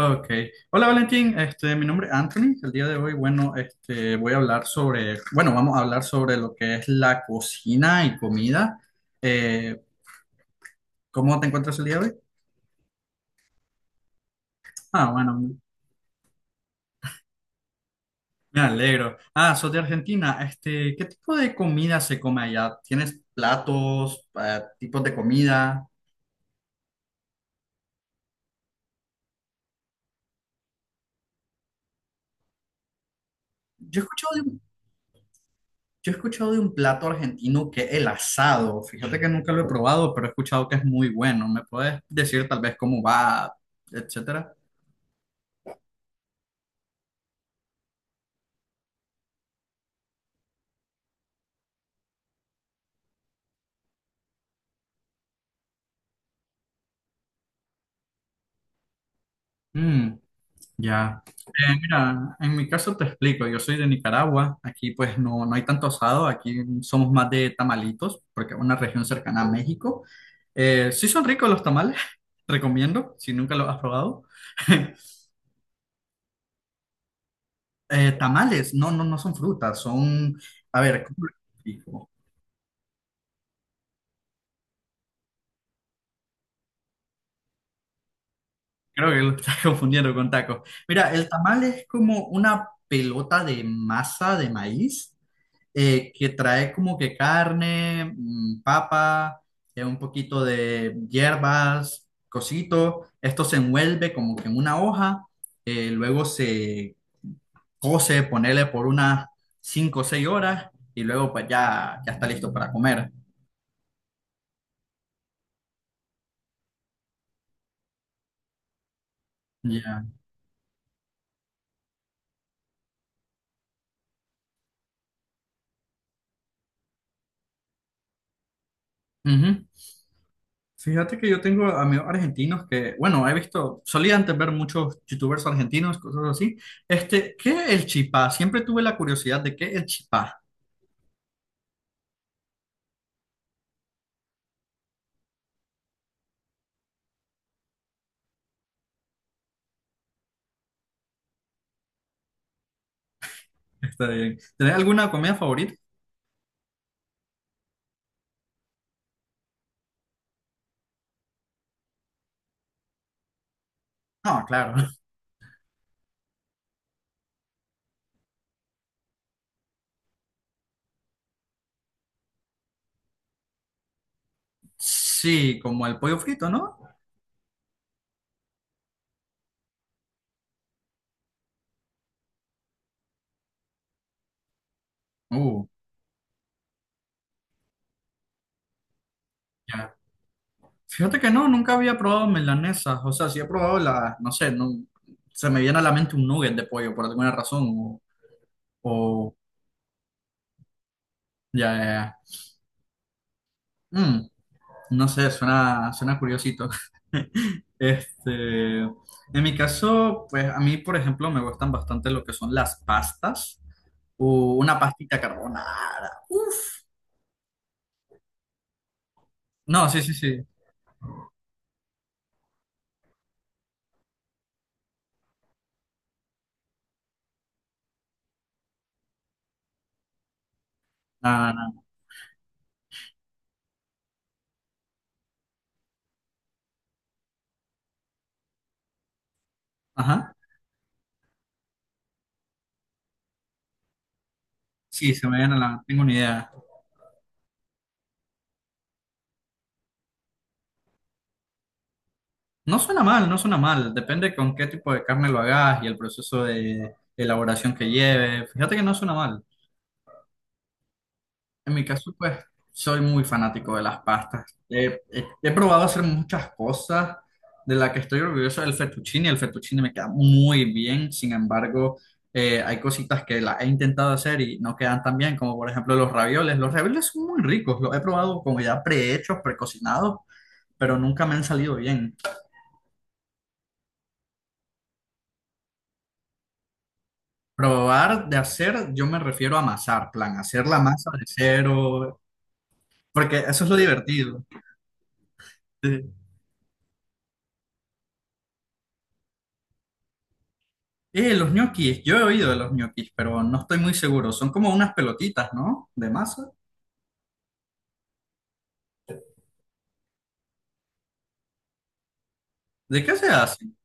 Ok. Hola Valentín, mi nombre es Anthony. El día de hoy, bueno, voy a hablar sobre, bueno, vamos a hablar sobre lo que es la cocina y comida. Eh, ¿cómo te encuentras el día de hoy? Ah, bueno, me alegro. Ah, sos de Argentina. ¿Qué tipo de comida se come allá? ¿Tienes platos, tipos de comida? Yo he escuchado de un, yo he escuchado de un plato argentino que es el asado. Fíjate que nunca lo he probado, pero he escuchado que es muy bueno. ¿Me puedes decir tal vez cómo va, etcétera? Mm, ya. Mira, en mi caso te explico, yo soy de Nicaragua, aquí pues no, no hay tanto asado, aquí somos más de tamalitos, porque es una región cercana a México. Sí son ricos los tamales, recomiendo, si nunca los has probado. Tamales, no, no, no son frutas, son, a ver, ¿cómo lo explico? Creo que lo estás confundiendo con tacos. Mira, el tamal es como una pelota de masa de maíz, que trae como que carne, papa, un poquito de hierbas, cosito. Esto se envuelve como que en una hoja, luego se cose, ponerle por unas 5 o 6 horas y luego pues ya está listo para comer. Ya. Ujú. Fíjate que yo tengo amigos argentinos que, bueno, he visto, solía antes ver muchos youtubers argentinos, cosas así. ¿Qué es el chipá? Siempre tuve la curiosidad de qué es el chipá. Está bien. ¿Tenés alguna comida favorita? No, claro. Sí, como el pollo frito, ¿no? Uh, ya. Fíjate que no, nunca había probado milanesas. O sea, sí he probado la, no sé, no, se me viene a la mente un nugget de pollo por alguna razón. O- ya, ya, ya. No sé, suena curiosito. En mi caso, pues a mí, por ejemplo, me gustan bastante lo que son las pastas, o una pastita carbonara. Uf. No, sí, sí, sí. Ah, no. Ajá. Sí, se me viene a la. Tengo una idea. No suena mal, no suena mal. Depende con qué tipo de carne lo hagas y el proceso de elaboración que lleve. Fíjate que no suena mal. En mi caso, pues, soy muy fanático de las pastas. He, he probado hacer muchas cosas de las que estoy orgulloso del fettuccine. El fettuccine me queda muy bien. Sin embargo, hay cositas que las he intentado hacer y no quedan tan bien, como por ejemplo los ravioles. Los ravioles son muy ricos. Los he probado como ya prehechos, precocinados, pero nunca me han salido bien. Probar de hacer, yo me refiero a amasar, plan, hacer la masa de cero, porque eso es lo divertido. Eh, los ñoquis, yo he oído de los ñoquis, pero no estoy muy seguro. Son como unas pelotitas, ¿no? De masa. ¿De qué se hacen?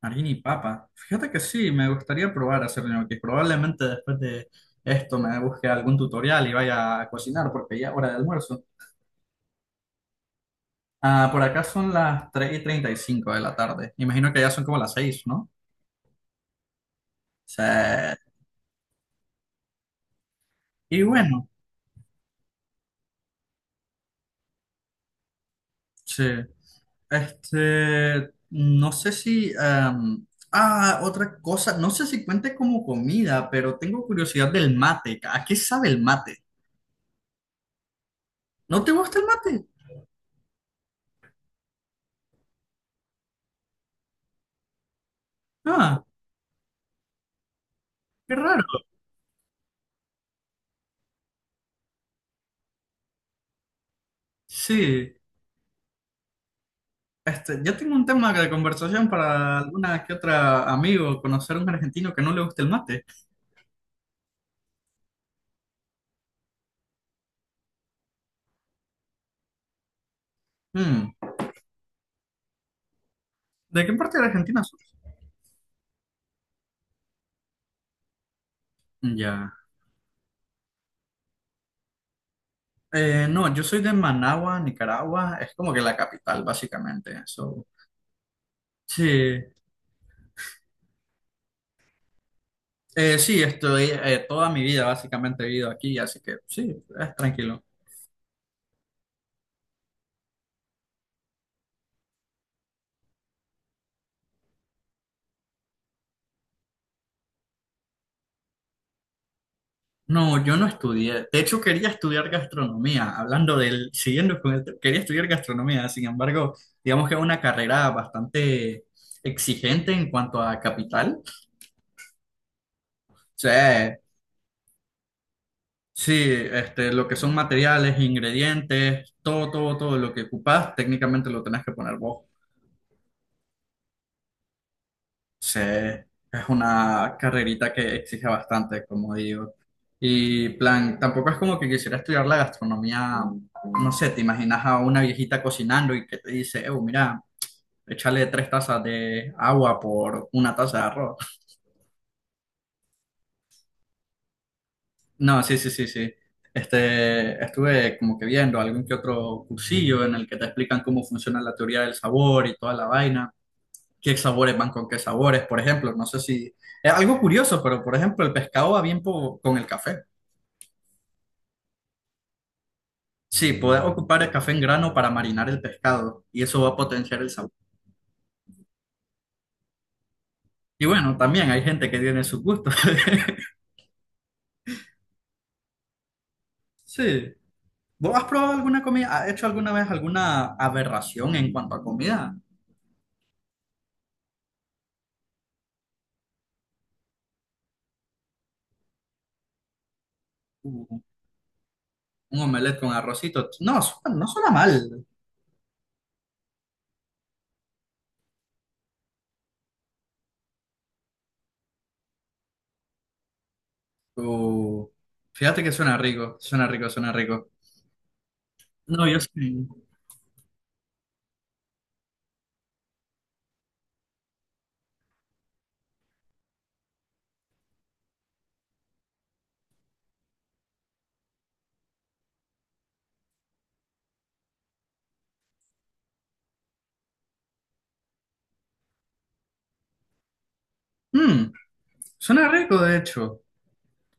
Harina y papa. Fíjate que sí, me gustaría probar a hacer ñoquis. Probablemente después de esto me busque algún tutorial y vaya a cocinar, porque ya es hora de almuerzo. Ah, por acá son las 3:35 de la tarde. Imagino que ya son como las 6, ¿no? Sí. Y bueno, sí. No sé si, otra cosa, no sé si cuente como comida, pero tengo curiosidad del mate. ¿A qué sabe el mate? ¿No te gusta el mate? Ah, qué raro. Sí, yo tengo un tema de conversación para alguna que otra amigo, conocer a un argentino que no le guste el mate. Hmm, ¿De qué parte de Argentina sos? Ya. No, yo soy de Managua, Nicaragua. Es como que la capital, básicamente. So, sí. Sí, estoy toda mi vida básicamente he vivido aquí, así que sí, es tranquilo. No, yo no estudié. De hecho, quería estudiar gastronomía, hablando del, siguiendo con el, quería estudiar gastronomía, sin embargo, digamos que es una carrera bastante exigente en cuanto a capital. O sea, sí, lo que son materiales, ingredientes, todo, todo, todo lo que ocupas, técnicamente lo tenés que poner vos. Sí, es una carrerita que exige bastante, como digo. Y plan, tampoco es como que quisiera estudiar la gastronomía, no sé, te imaginas a una viejita cocinando y que te dice, mira, échale 3 tazas de agua por 1 taza de arroz. No, sí, sí, sí, sí. Estuve como que viendo algún que otro cursillo en el que te explican cómo funciona la teoría del sabor y toda la vaina. Qué sabores van con qué sabores, por ejemplo. No sé si es algo curioso, pero por ejemplo, el pescado va bien con el café. Sí, puedes ocupar el café en grano para marinar el pescado y eso va a potenciar el sabor. Y bueno, también hay gente que tiene sus gustos. Sí. ¿Vos has probado alguna comida? ¿Has hecho alguna vez alguna aberración en cuanto a comida? Uh, un omelette con arrocito. No, no suena mal. Uh, fíjate que suena rico, suena rico, suena rico. No, yo sí. Mm, suena rico, de hecho.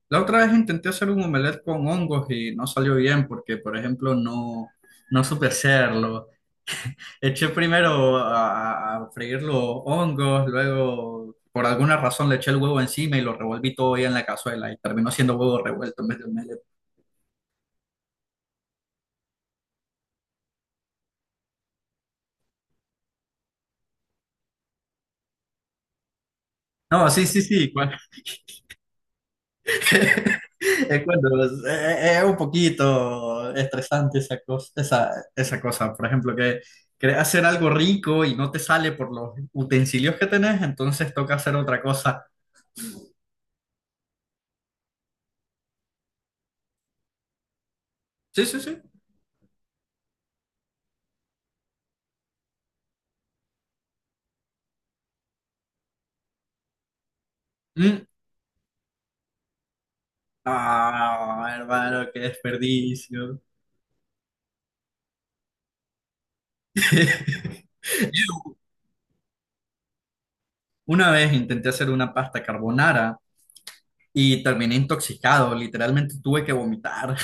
La otra vez intenté hacer un omelette con hongos y no salió bien porque, por ejemplo, no, no supe hacerlo. Eché primero freír los hongos, luego por alguna razón le eché el huevo encima y lo revolví todo bien en la cazuela y terminó siendo huevo revuelto en vez de omelette. No, sí, sí, sí. Es cuando es, es un poquito estresante esa cosa, esa cosa. Por ejemplo, que querés hacer algo rico y no te sale por los utensilios que tenés, entonces toca hacer otra cosa. Sí, sí, sí. Mm. Ah, hermano, qué desperdicio. Una vez intenté hacer una pasta carbonara y terminé intoxicado, literalmente tuve que vomitar.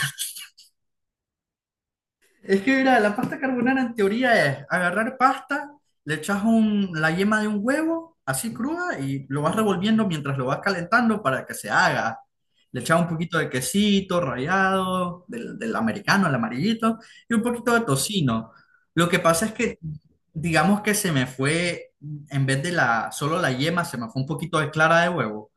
Es que mira, la pasta carbonara en teoría es agarrar pasta, le echas la yema de un huevo así cruda y lo vas revolviendo mientras lo vas calentando para que se haga. Le echas un poquito de quesito rallado, del americano, el amarillito, y un poquito de tocino. Lo que pasa es que, digamos que se me fue, en vez de la, solo la yema, se me fue un poquito de clara de huevo.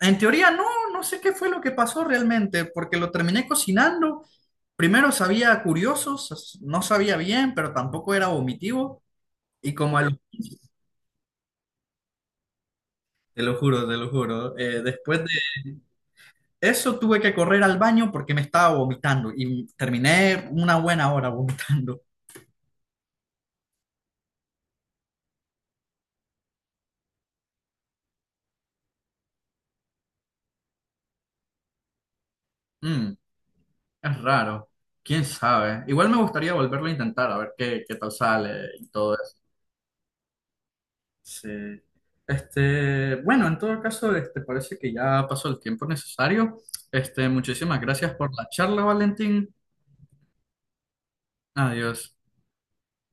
En teoría no, no sé qué fue lo que pasó realmente, porque lo terminé cocinando. Primero sabía curioso, no sabía bien, pero tampoco era vomitivo. Y como al- Te lo juro, te lo juro, después de eso tuve que correr al baño porque me estaba vomitando y terminé una buena hora vomitando. Mm, es raro, quién sabe. Igual me gustaría volverlo a intentar, a ver qué tal sale y todo. Sí. Bueno, en todo caso, parece que ya pasó el tiempo necesario. Muchísimas gracias por la charla, Valentín. Adiós.